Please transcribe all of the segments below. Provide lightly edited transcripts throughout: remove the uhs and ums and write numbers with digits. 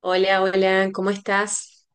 Hola, hola, ¿cómo estás?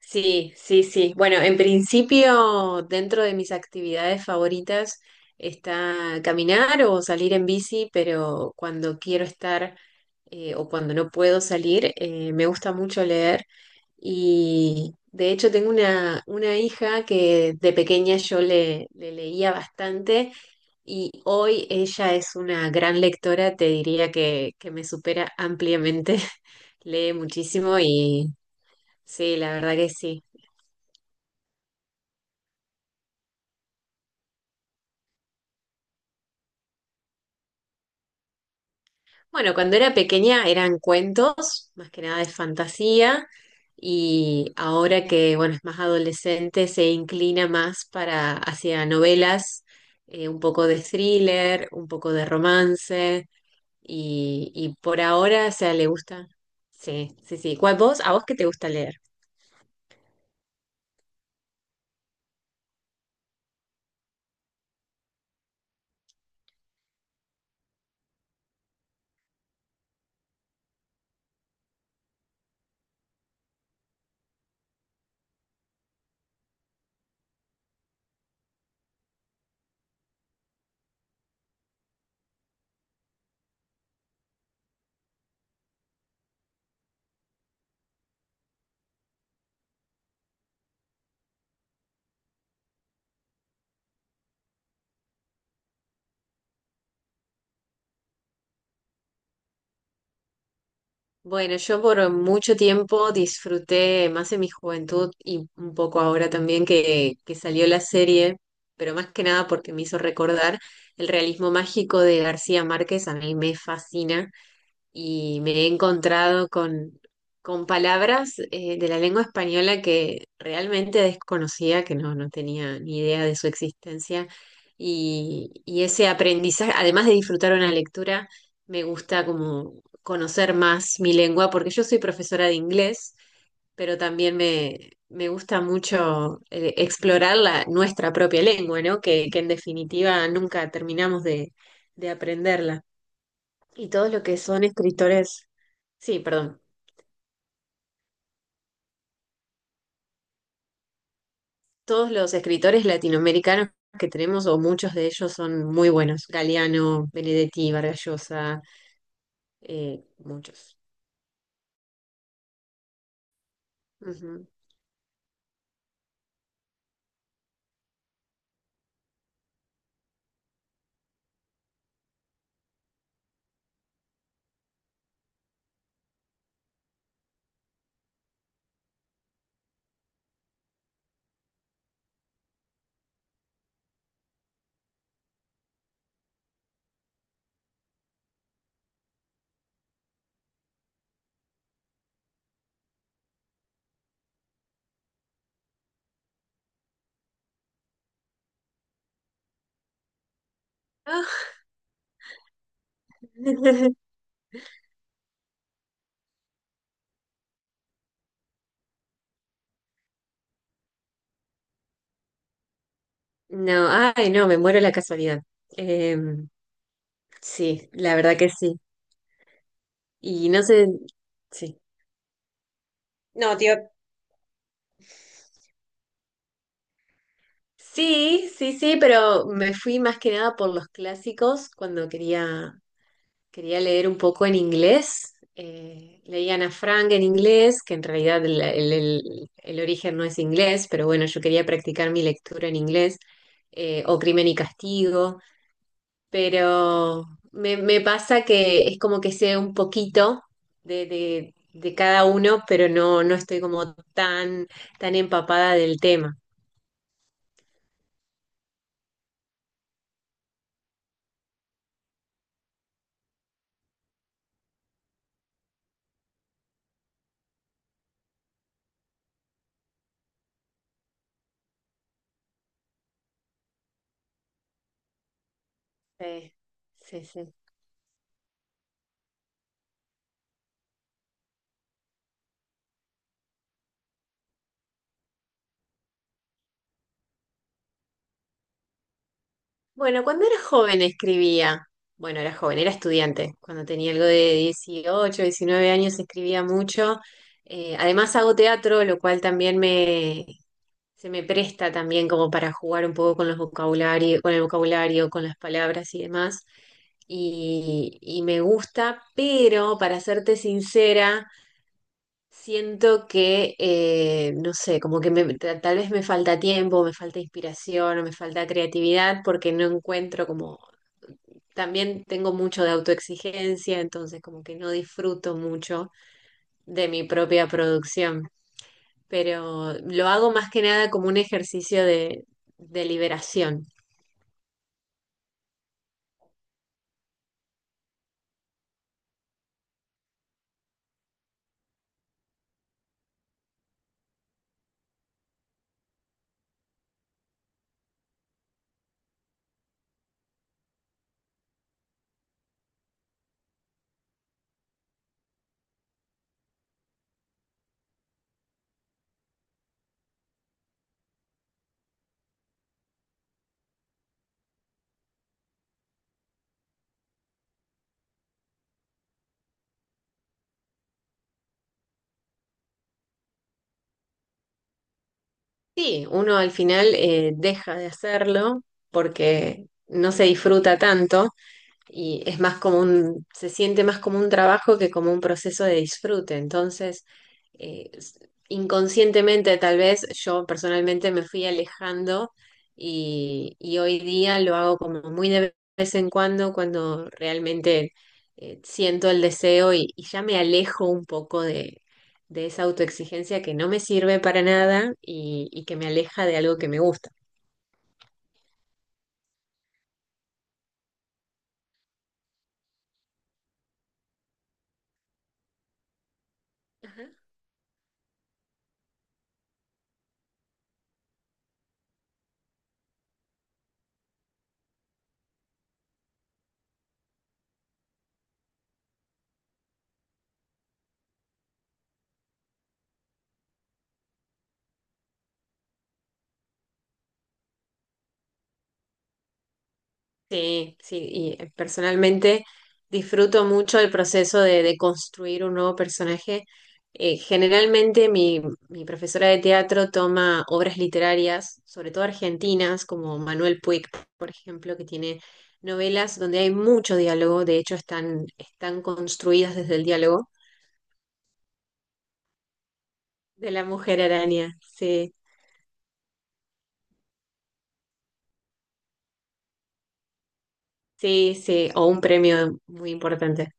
Sí, sí, sí. Bueno, en principio, dentro de mis actividades favoritas está caminar o salir en bici, pero cuando quiero estar o cuando no puedo salir, me gusta mucho leer. Y de hecho tengo una hija que de pequeña yo le leía bastante y hoy ella es una gran lectora, te diría que me supera ampliamente, lee muchísimo y sí, la verdad que sí. Bueno, cuando era pequeña eran cuentos, más que nada de fantasía, y ahora que, bueno, es más adolescente, se inclina más para hacia novelas, un poco de thriller, un poco de romance, y por ahora, o sea, le gusta. Sí, sí, sí. ¿Cuál vos? ¿A vos qué te gusta leer? Bueno, yo por mucho tiempo disfruté, más en mi juventud y un poco ahora también que salió la serie, pero más que nada porque me hizo recordar el realismo mágico de García Márquez, a mí me fascina y me he encontrado con palabras de la lengua española que realmente desconocía, que no tenía ni idea de su existencia. Y ese aprendizaje, además de disfrutar una lectura, me gusta como conocer más mi lengua, porque yo soy profesora de inglés, pero también me gusta mucho explorar la, nuestra propia lengua, ¿no? Que en definitiva nunca terminamos de aprenderla. Y todos lo que son escritores. Sí, perdón. Todos los escritores latinoamericanos que tenemos, o muchos de ellos, son muy buenos. Galeano, Benedetti, Vargas Llosa, muchos. Ujú. Ah, no, ay, no, me muero la casualidad. Eh, sí, la verdad que sí. Y no sé, sí. No, tío. Sí, sí, sí, pero me fui más que nada por los clásicos cuando quería. Quería leer un poco en inglés. Leí Ana Frank en inglés, que en realidad el origen no es inglés, pero bueno, yo quería practicar mi lectura en inglés, o Crimen y Castigo, pero me pasa que es como que sé un poquito de, de cada uno, pero no estoy como tan empapada del tema. Sí, sí, sí. Bueno, cuando era joven escribía. Bueno, era joven, era estudiante. Cuando tenía algo de 18, 19 años escribía mucho. Además hago teatro, lo cual también me, se me presta también como para jugar un poco con los vocabulario, con el vocabulario, con las palabras y demás. Y me gusta, pero para serte sincera, siento que, no sé, como que tal vez me falta tiempo, me falta inspiración o me falta creatividad porque no encuentro como también tengo mucho de autoexigencia, entonces como que no disfruto mucho de mi propia producción, pero lo hago más que nada como un ejercicio de liberación. Sí, uno al final deja de hacerlo porque no se disfruta tanto. Y es más como un, se siente más como un trabajo que como un proceso de disfrute. Entonces, eh, s- inconscientemente tal vez yo personalmente me fui alejando y hoy día lo hago como muy de vez en cuando cuando realmente siento el deseo y ya me alejo un poco de esa autoexigencia que no me sirve para nada y que me aleja de algo que me gusta. Sí, sí, y personalmente disfruto mucho el proceso de construir un nuevo personaje. Generalmente mi, mi profesora de teatro toma obras literarias, sobre todo argentinas, como Manuel Puig, por ejemplo, que tiene novelas donde hay mucho diálogo, de hecho están construidas desde el diálogo de la mujer araña, sí, sí, sí, o un premio muy importante.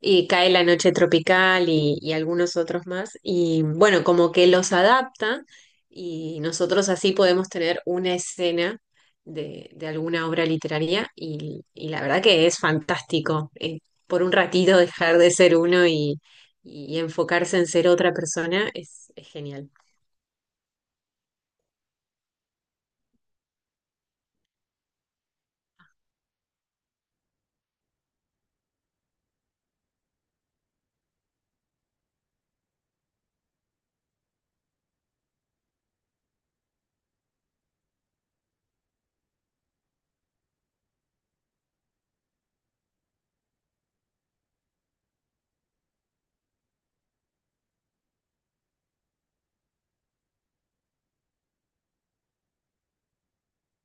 Y Cae la Noche Tropical y algunos otros más. Y bueno, como que los adapta y nosotros así podemos tener una escena de alguna obra literaria y la verdad que es fantástico, por un ratito dejar de ser uno y enfocarse en ser otra persona es genial.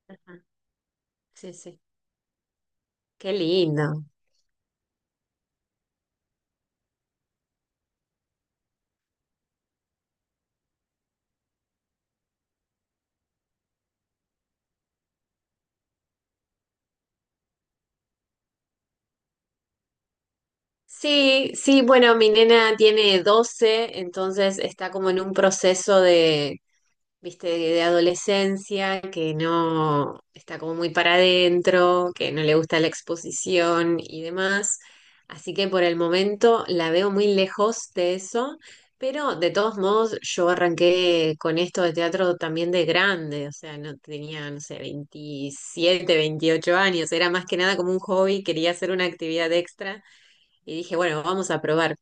Ajá, sí, sí. Qué lindo. Sí, sí, bueno, mi nena tiene 12 entonces está como en un proceso de viste, de adolescencia, que no está como muy para adentro, que no le gusta la exposición y demás. Así que por el momento la veo muy lejos de eso, pero de todos modos yo arranqué con esto de teatro también de grande, o sea, no tenía, no sé, 27, 28 años, era más que nada como un hobby, quería hacer una actividad extra y dije, bueno, vamos a probar.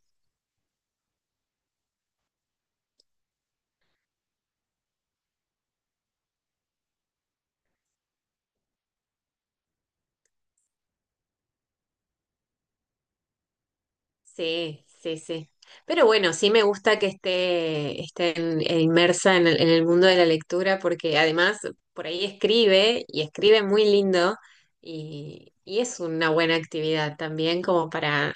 Sí, sí, sí. Pero bueno, sí me gusta que esté en- e inmersa en el mundo de la lectura porque además por ahí escribe y escribe muy lindo y es una buena actividad también como para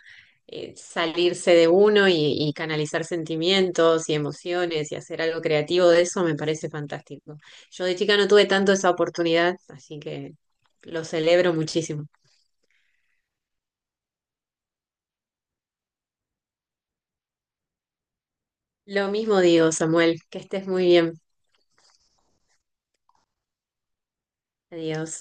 salirse de uno y canalizar sentimientos y emociones y hacer algo creativo de eso me parece fantástico. Yo de chica no tuve tanto esa oportunidad, así que lo celebro muchísimo. Lo mismo digo, Samuel, que estés muy bien. Adiós.